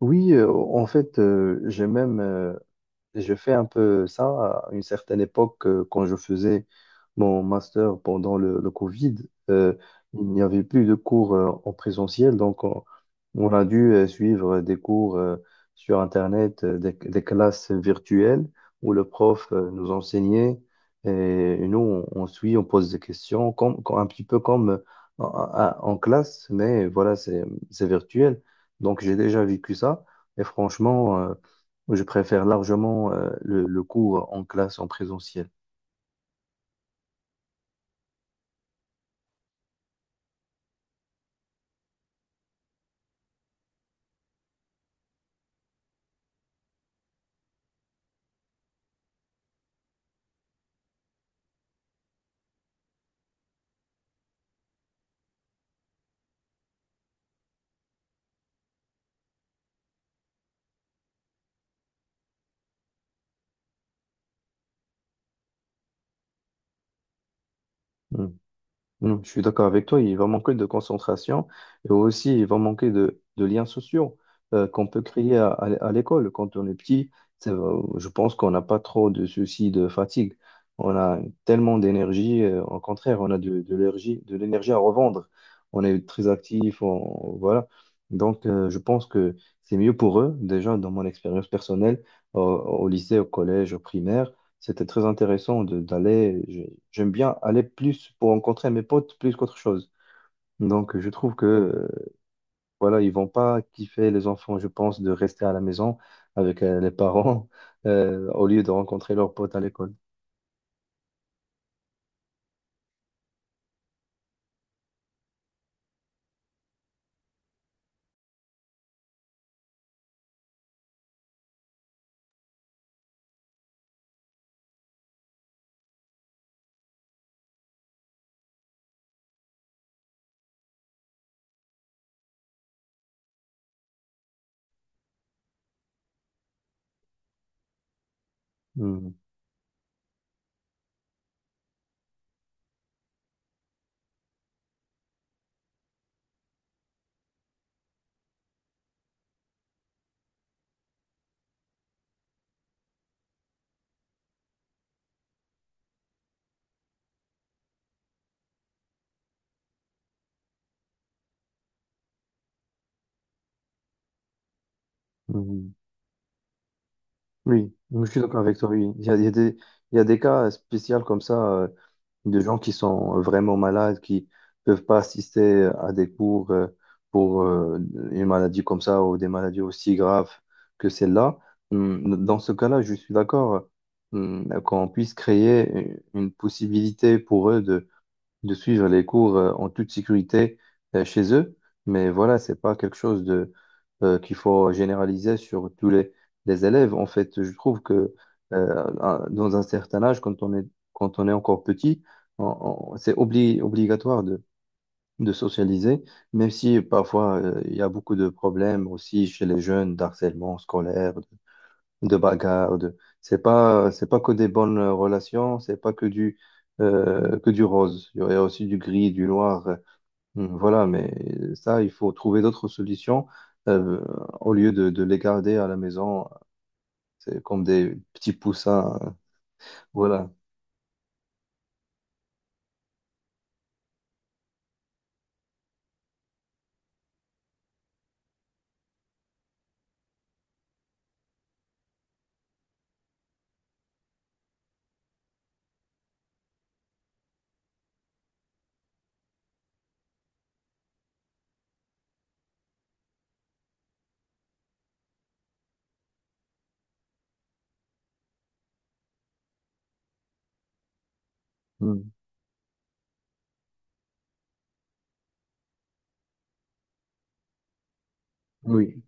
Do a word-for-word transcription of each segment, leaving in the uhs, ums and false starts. Oui, euh, en fait, euh, j'ai même euh, et Je fais un peu ça à une certaine époque euh, quand je faisais mon master pendant le, le Covid. euh, il n'y avait plus de cours euh, en présentiel, donc on, on a dû euh, suivre des cours euh, sur Internet, euh, des, des classes virtuelles où le prof euh, nous enseignait et nous on, on suit, on pose des questions, comme, comme- un petit peu comme euh, en, en- en classe, mais voilà, c'est c'est virtuel. Donc j'ai déjà vécu ça et franchement. euh, je préfère largement euh, le, le cours en classe, en présentiel. Mm. Mm, je suis d'accord avec toi, il va manquer de concentration et aussi il va manquer de, de liens sociaux euh, qu'on peut créer à, à l- à l'école. Quand on est petit, c'est- euh, je pense qu'on n'a pas trop de soucis de fatigue. On a tellement d'énergie, euh, au contraire, on a de, de l'énergie, de l'énergie à revendre. On est très actif, on- voilà. Donc euh, je pense que c'est mieux pour eux, déjà dans mon expérience personnelle, au au lycée, au collège, au primaire. C'était très intéressant de- d'aller. je- J'aime bien aller plus pour rencontrer mes potes plus qu'autre chose. Donc, je trouve que euh, voilà, ils vont pas kiffer les enfants, je pense, de rester à la maison avec euh, les parents euh, au lieu de rencontrer leurs potes à l'école. Mhm. Mhm. Oui, je suis d'accord avec toi, oui. Il y a, il y a des, il y a des cas spéciaux comme ça, euh, de gens qui sont vraiment malades, qui peuvent pas assister à des cours euh, pour euh, une maladie comme ça ou des maladies aussi graves que celle-là. Hum, Dans ce cas-là, je suis d'accord hum, qu'on puisse créer une possibilité pour eux de suivre les cours euh, en toute sécurité euh, chez eux. Mais voilà, c'est pas quelque chose de euh, qu'il faut généraliser sur tous les, les élèves. En fait, je trouve que euh, un- dans un certain âge, quand on est quand on est encore petit, on- on- c'est obli- obligatoire de de socialiser, même si parfois euh, il y a beaucoup de problèmes aussi chez les jeunes d'harcèlement scolaire, de bagarre, de... C'est pas, c'est pas que des bonnes relations, c'est pas que du, euh, que du rose. Il y aurait aussi du gris, du noir. euh, hum, Voilà, mais ça, il faut trouver d'autres solutions euh, au lieu de, de les garder à la maison. C'est comme des petits poussins. euh, Voilà. Mm. Oui.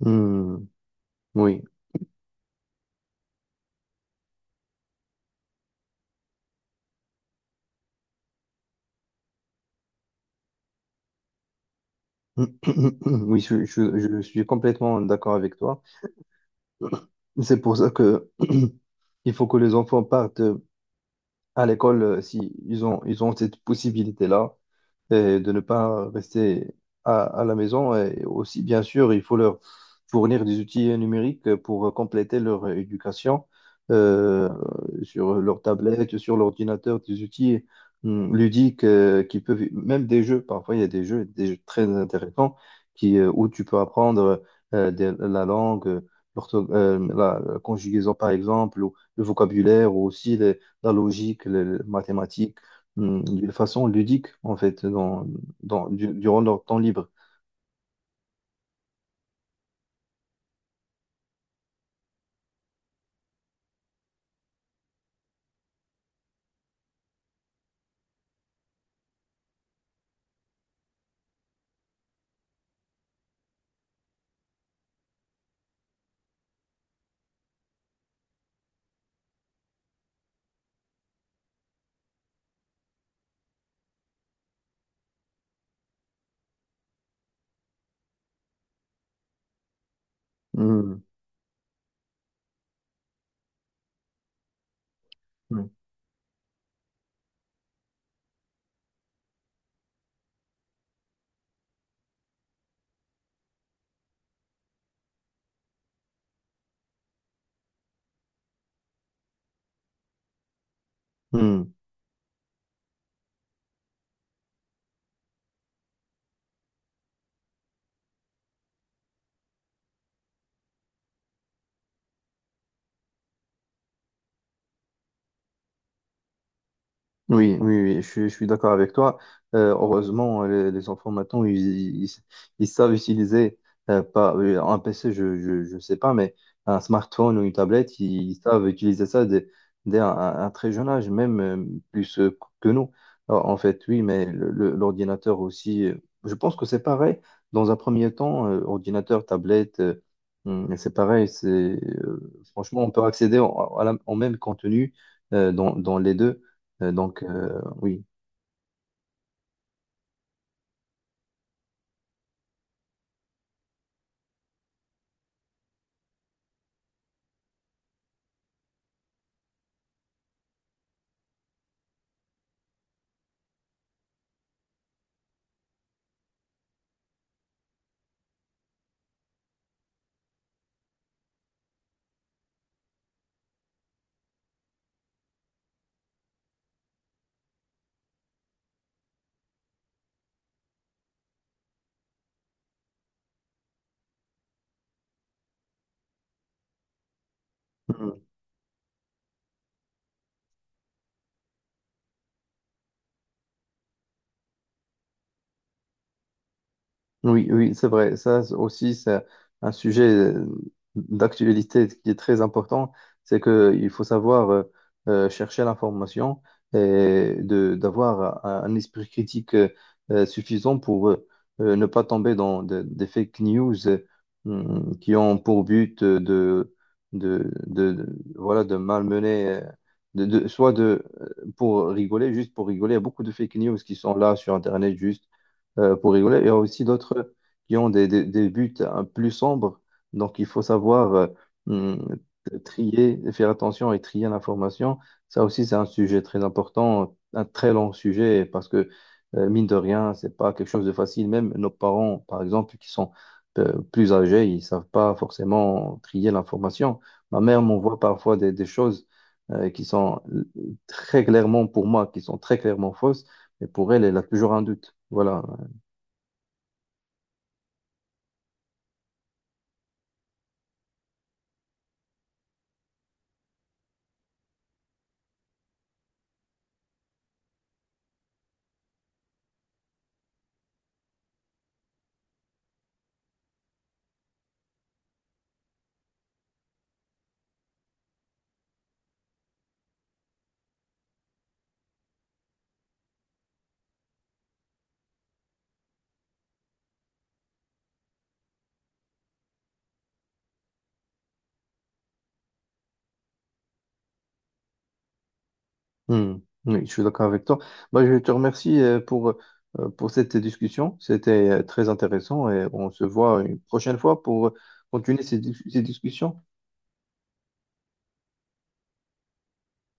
Mm. Oui. Oui, je, je- je suis complètement d'accord avec toi. C'est pour ça que il faut que les enfants partent. À l'école, euh, si ils ont, ils ont cette possibilité-là et de ne pas rester à, à la maison. Et aussi, bien sûr, il faut leur fournir des outils numériques pour compléter leur éducation euh, sur leur tablette, sur l'ordinateur, des outils hum, ludiques euh, qui peuvent, même des jeux, parfois il y a des jeux, des jeux très intéressants qui, euh, où tu peux apprendre euh, des- la langue. l'ortho- euh, la la conjugaison par exemple, ou le vocabulaire, ou aussi la logique, les mathématiques, hum, d'une façon ludique, en fait, dans, dans, du- durant leur temps libre. Hum, hum, hum. Oui, oui, oui, je, suis je suis d'accord avec toi. Euh, heureusement, euh, les, les enfants maintenant, ils, ils, ils savent utiliser euh, pas, euh, un P C, je, je, je sais pas, mais un smartphone ou une tablette, ils, ils savent utiliser ça dès, dès un, un- un très jeune âge, même euh, plus euh, que nous. Alors, en fait, oui, mais le- le- l'ordinateur aussi, euh, je pense que c'est pareil. Dans un premier temps, euh, ordinateur, tablette, euh, hum, c'est pareil. C'est, euh, franchement, on peut accéder en- à la- au même contenu euh, dans, dans les deux. Euh, donc, euh, oui. Mhm. Oui, oui, c'est vrai. Ça c'est aussi, c'est un sujet euh, d'actualité qui est très important. C'est qu'il faut savoir euh, euh, chercher l'information et de, d'avoir un, un esprit critique euh, euh, suffisant pour euh, euh, ne pas tomber dans de- des fake news euh, hum, qui ont pour but euh, de, de, de, de- voilà, de malmener, euh, de, de- soit de, euh, pour rigoler, juste pour rigoler. Il y a beaucoup de fake news qui sont là sur Internet juste euh, pour rigoler. Il y a aussi d'autres qui ont des, des, des buts hein, plus sombres. Donc, il faut savoir euh, hum, trier, faire attention et trier l'information. Ça aussi, c'est un sujet très important, un très long sujet, parce que, euh, mine de rien, c'est pas quelque chose de facile. Même nos parents, par exemple, qui sont euh, plus âgés, ils savent pas forcément trier l'information. Ma mère m'envoie parfois des, des choses euh, qui sont euh, très clairement pour moi, qui sont très clairement fausses, mais pour elle, elle a toujours un doute. Voilà, Hmm. Oui, je suis d'accord avec toi. Bah, je te remercie euh, pour, euh, pour cette discussion. C'était euh, très intéressant et on se voit une prochaine fois pour euh, continuer ces dis- ces discussions.